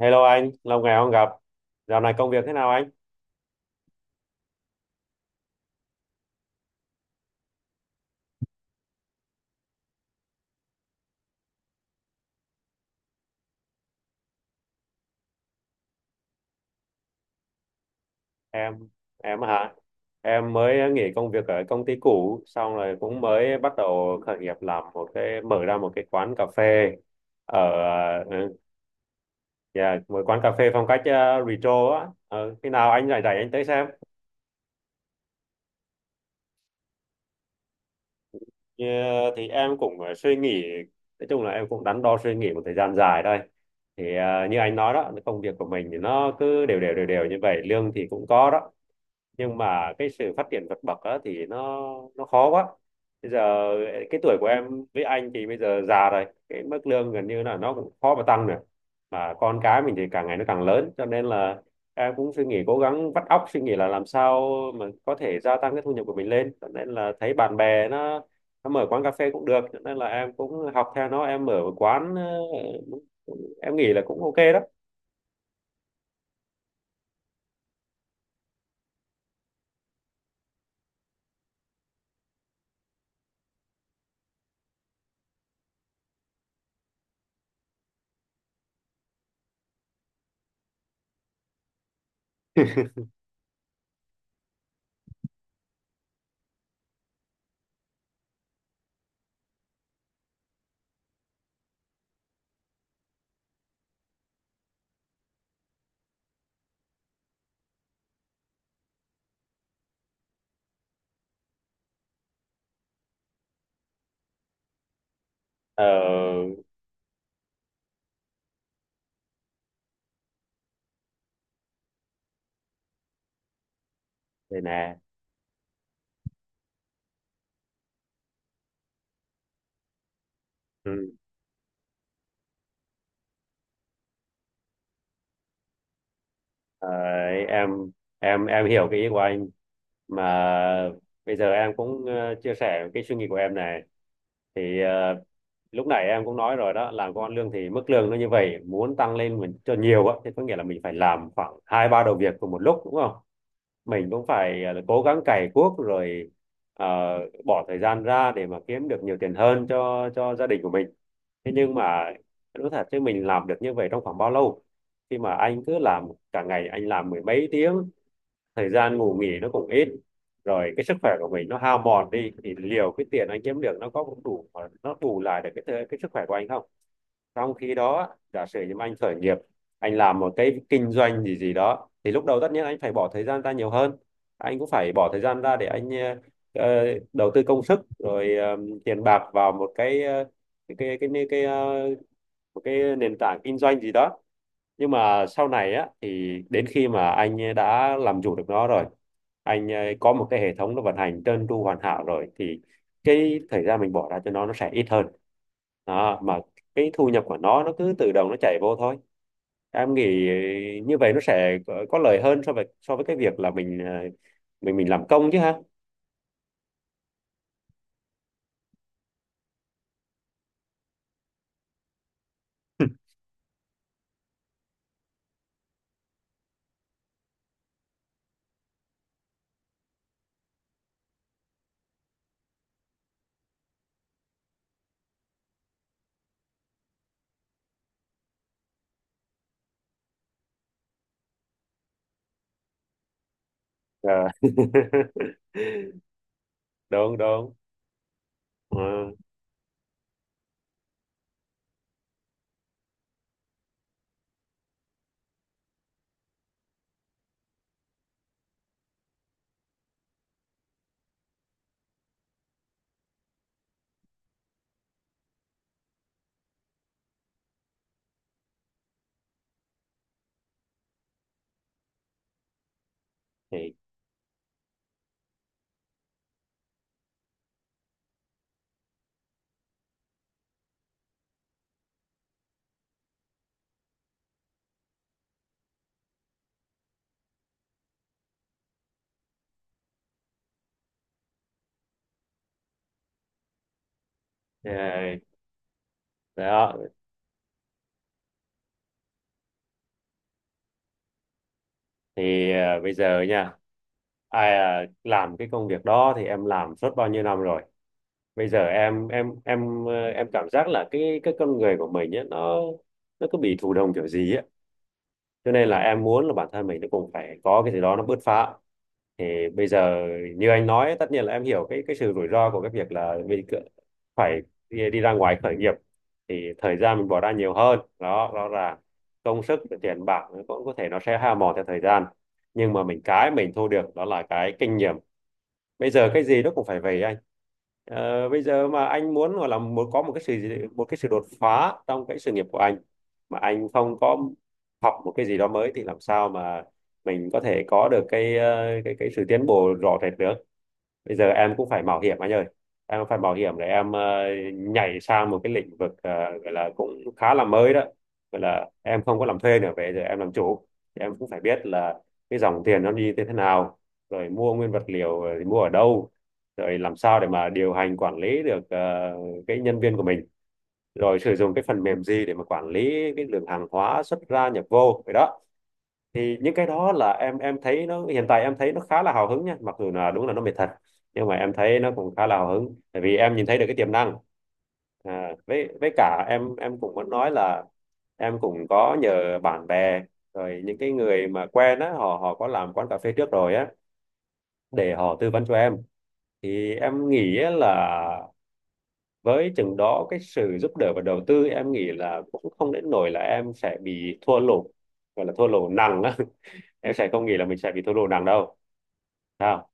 Hello anh, lâu ngày không gặp. Dạo này công việc thế nào anh? Em, em hả? Em mới nghỉ công việc ở công ty cũ, xong rồi cũng mới bắt đầu khởi nghiệp làm một cái mở ra một cái quán cà phê ở ừ, yeah, một quán cà phê phong cách retro á. Ờ, Khi nào anh rảnh rảnh anh tới xem. Thì em cũng suy nghĩ, nói chung là em cũng đắn đo suy nghĩ một thời gian dài đây. Thì như anh nói đó, công việc của mình thì nó cứ đều đều đều đều như vậy, lương thì cũng có đó, nhưng mà cái sự phát triển vượt bậc á, thì nó khó quá. Bây giờ cái tuổi của em với anh thì bây giờ già rồi, cái mức lương gần như là nó cũng khó mà tăng nữa, mà con cái mình thì càng ngày nó càng lớn, cho nên là em cũng suy nghĩ, cố gắng vắt óc suy nghĩ là làm sao mà có thể gia tăng cái thu nhập của mình lên. Cho nên là thấy bạn bè nó mở quán cà phê cũng được, cho nên là em cũng học theo nó, em mở một quán em nghĩ là cũng ok đó. ờ Đây nè. Ừ. Đấy, em hiểu cái ý của anh, mà bây giờ em cũng chia sẻ cái suy nghĩ của em này. thì ờ, Lúc nãy em cũng nói rồi đó, làm công ăn lương thì mức lương nó như vậy, muốn tăng lên mình cho nhiều á thì có nghĩa là mình phải làm khoảng hai ba đầu việc cùng một lúc, đúng không? Mình cũng phải cố gắng cày cuốc, rồi ờ, bỏ thời gian ra để mà kiếm được nhiều tiền hơn cho gia đình của mình. Thế nhưng mà nói thật chứ mình làm được như vậy trong khoảng bao lâu? Khi mà anh cứ làm cả ngày, anh làm mười mấy tiếng, thời gian ngủ nghỉ nó cũng ít, rồi cái sức khỏe của mình nó hao mòn đi, thì liệu cái tiền anh kiếm được nó có đủ, nó bù lại được cái sức khỏe của anh không? Trong khi đó, giả sử như anh khởi nghiệp, anh làm một cái kinh doanh gì gì đó, thì lúc đầu tất nhiên anh phải bỏ thời gian ra nhiều hơn. Anh cũng phải bỏ thời gian ra để anh ờ, đầu tư công sức, rồi tiền bạc vào một cái cái cái cái cái, cái ờ, một cái nền tảng kinh doanh gì đó. Nhưng mà sau này á, thì đến khi mà anh ấy đã làm chủ được nó rồi, anh ấy có một cái hệ thống nó vận hành trơn tru hoàn hảo rồi, thì cái thời gian mình bỏ ra cho nó sẽ ít hơn. Đó, mà cái thu nhập của nó cứ tự động nó chảy vô thôi. Em nghĩ như vậy nó sẽ có lợi hơn so với cái việc là mình mình làm công chứ ha. Ờ. Đúng đúng. Ờ, thì ờ, đó thì à, Bây giờ nha, làm cái công việc đó thì em làm suốt bao nhiêu năm rồi. Bây giờ em cảm giác là cái con người của mình ấy, nó cứ bị thụ động kiểu gì á, cho nên là em muốn là bản thân mình nó cũng phải có cái gì đó nó bứt phá. Thì bây giờ, như anh nói, tất nhiên là em hiểu cái sự rủi ro của cái việc là phải đi ra ngoài khởi nghiệp. Thì thời gian mình bỏ ra nhiều hơn đó rõ ràng, công sức tiền bạc nó cũng có thể nó sẽ hao mòn theo thời gian, nhưng mà mình cái mình thu được đó là cái kinh nghiệm. Bây giờ cái gì nó cũng phải vậy anh. Ờ, bây giờ mà anh muốn, gọi là muốn có một một cái sự đột phá trong cái sự nghiệp của anh mà anh không có học một cái gì đó mới, thì làm sao mà mình có thể có được cái ờ, cái sự tiến bộ rõ rệt được. Bây giờ em cũng phải mạo hiểm anh ơi, em phải mạo hiểm để em nhảy sang một cái lĩnh vực gọi là cũng khá là mới đó, gọi là em không có làm thuê nữa, bây giờ em làm chủ. Thì em cũng phải biết là cái dòng tiền nó đi như thế nào, rồi mua nguyên vật liệu thì mua ở đâu, rồi làm sao để mà điều hành quản lý được cái nhân viên của mình, rồi sử dụng cái phần mềm gì để mà quản lý cái lượng hàng hóa xuất ra nhập vô vậy đó. Thì những cái đó là em thấy nó hiện tại, em thấy nó khá là hào hứng nha, mặc dù là đúng là nó mệt thật, nhưng mà em thấy nó cũng khá là hào hứng, tại vì em nhìn thấy được cái tiềm năng. À, với cả em cũng muốn nói là em cũng có nhờ bạn bè, rồi những cái người mà quen á, họ họ có làm quán cà phê trước rồi á, để họ tư vấn cho em. Thì em nghĩ á là với chừng đó cái sự giúp đỡ và đầu tư, em nghĩ là cũng không đến nỗi là em sẽ bị thua lỗ, gọi là thua lỗ nặng á. Em sẽ không nghĩ là mình sẽ bị thua lỗ nặng đâu. Sao?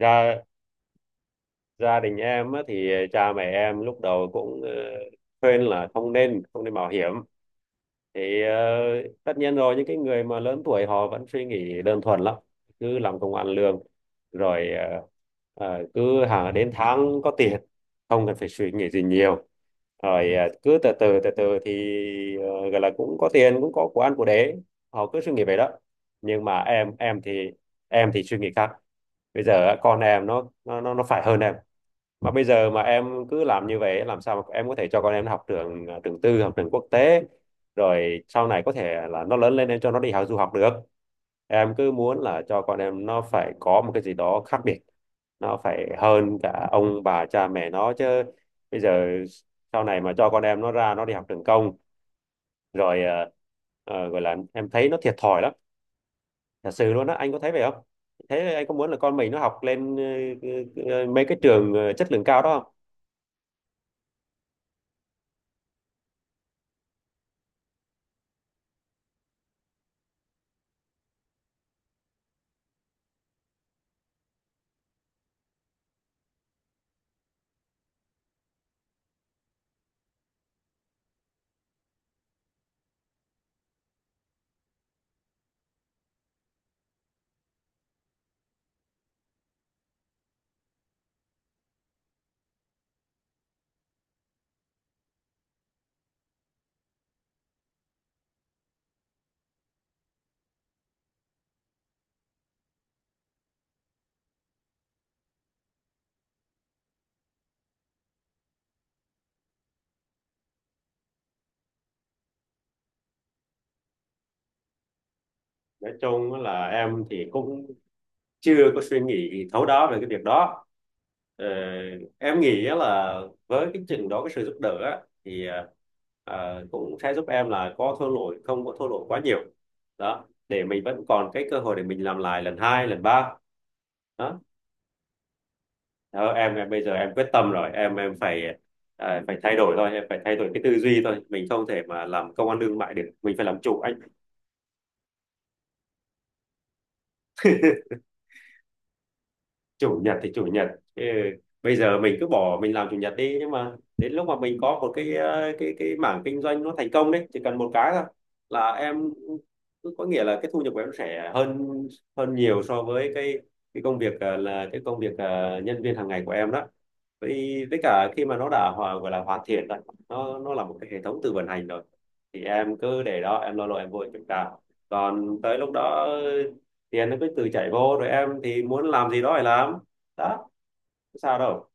Gia gia đình em á, thì cha mẹ em lúc đầu cũng khuyên là không nên không nên mạo hiểm. thì ờ, Tất nhiên rồi, những cái người mà lớn tuổi họ vẫn suy nghĩ đơn thuần lắm, cứ làm công ăn lương rồi cứ hàng đến tháng có tiền, không cần phải suy nghĩ gì nhiều. Rồi cứ từ từ từ từ thì gọi là cũng có tiền, cũng có của ăn của để, họ cứ suy nghĩ vậy đó. Nhưng mà em thì suy nghĩ khác. Bây giờ á, con em nó phải hơn em, mà bây giờ mà em cứ làm như vậy, làm sao mà em có thể cho con em nó học trường tư, học trường quốc tế, rồi sau này có thể là nó lớn lên em cho nó đi học du học được. Em cứ muốn là cho con em nó phải có một cái gì đó khác biệt, nó phải hơn cả ông bà cha mẹ nó chứ. Bây giờ sau này mà cho con em nó ra nó đi học trường công, rồi gọi là em thấy nó thiệt thòi lắm, thật sự luôn á. Anh có thấy vậy không? Thế anh có muốn là con mình nó học lên mấy cái trường chất lượng cao đó không? Nói chung là em thì cũng chưa có suy nghĩ thấu đáo về cái việc đó. Ờ, em nghĩ á là với cái trình đó cái sự giúp đỡ á, thì cũng sẽ giúp em là có thua lỗi không có thua lỗi quá nhiều đó, để mình vẫn còn cái cơ hội để mình làm lại lần hai lần ba đó. Đó, em bây giờ em quyết tâm rồi, em phải thay đổi thôi, em phải thay đổi cái tư duy thôi, mình không thể mà làm công ăn lương mại được, mình phải làm chủ anh. Chủ nhật thì chủ nhật. Ừ. Bây giờ mình cứ bỏ mình làm chủ nhật đi, nhưng mà đến lúc mà mình có một cái mảng kinh doanh nó thành công đấy, chỉ cần một cái thôi, là em, cứ có nghĩa là cái thu nhập của em sẽ hơn hơn nhiều so với cái công việc là cái công việc nhân viên hàng ngày của em đó. Với cả khi mà nó đã gọi là hoàn thiện rồi, nó là một cái hệ thống tự vận hành rồi, thì em cứ để đó, em lo lo em vô em kiểm tra. Còn tới lúc đó tiền nó cứ tự chảy vô, rồi em thì muốn làm gì đó phải làm đó, có sao đâu.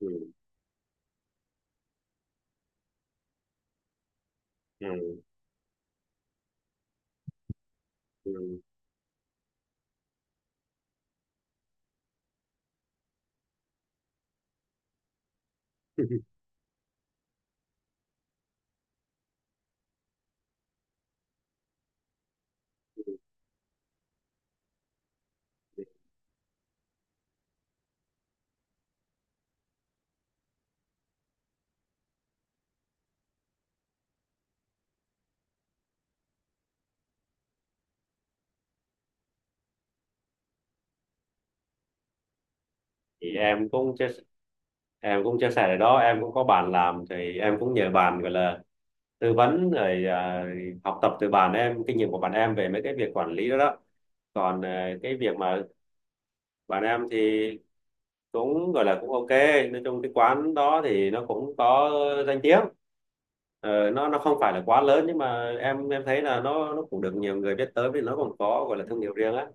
Ừ, ừ, ừ. Thì em cũng chia sẻ ở đó, em cũng có bạn làm, thì em cũng nhờ bạn, gọi là tư vấn rồi, học tập từ bạn em, kinh nghiệm của bạn em về mấy cái việc quản lý đó đó. Còn cái việc mà bạn em thì cũng gọi là cũng ok, nói chung cái quán đó thì nó cũng có danh tiếng. Ờ, nó không phải là quá lớn, nhưng mà em thấy là nó cũng được nhiều người biết tới, vì nó còn có gọi là thương hiệu riêng á,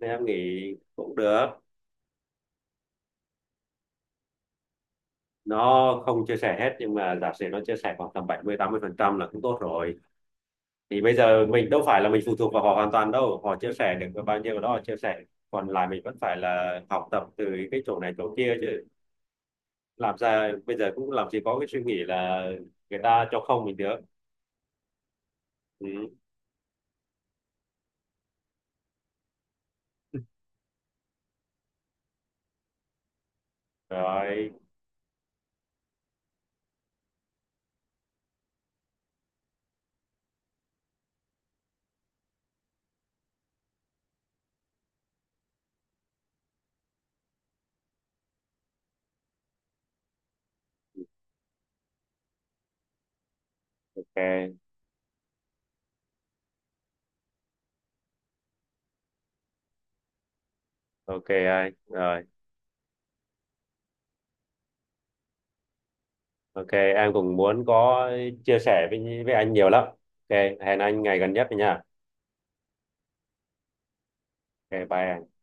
nên em nghĩ cũng được. Nó không chia sẻ hết, nhưng mà giả sử nó chia sẻ khoảng tầm 70-80% là cũng tốt rồi. Thì bây giờ mình đâu phải là mình phụ thuộc vào họ hoàn toàn đâu, họ chia sẻ được bao nhiêu đó họ chia sẻ, còn lại mình vẫn phải là học tập từ cái chỗ này chỗ kia chứ. Làm ra bây giờ cũng làm gì có cái suy nghĩ là người ta cho không mình được. Ừ. Rồi, ok. Ok anh, rồi ok, em cũng muốn có chia sẻ với anh nhiều lắm. Ok, hẹn anh ngày gần nhất nha. Ok, bye em.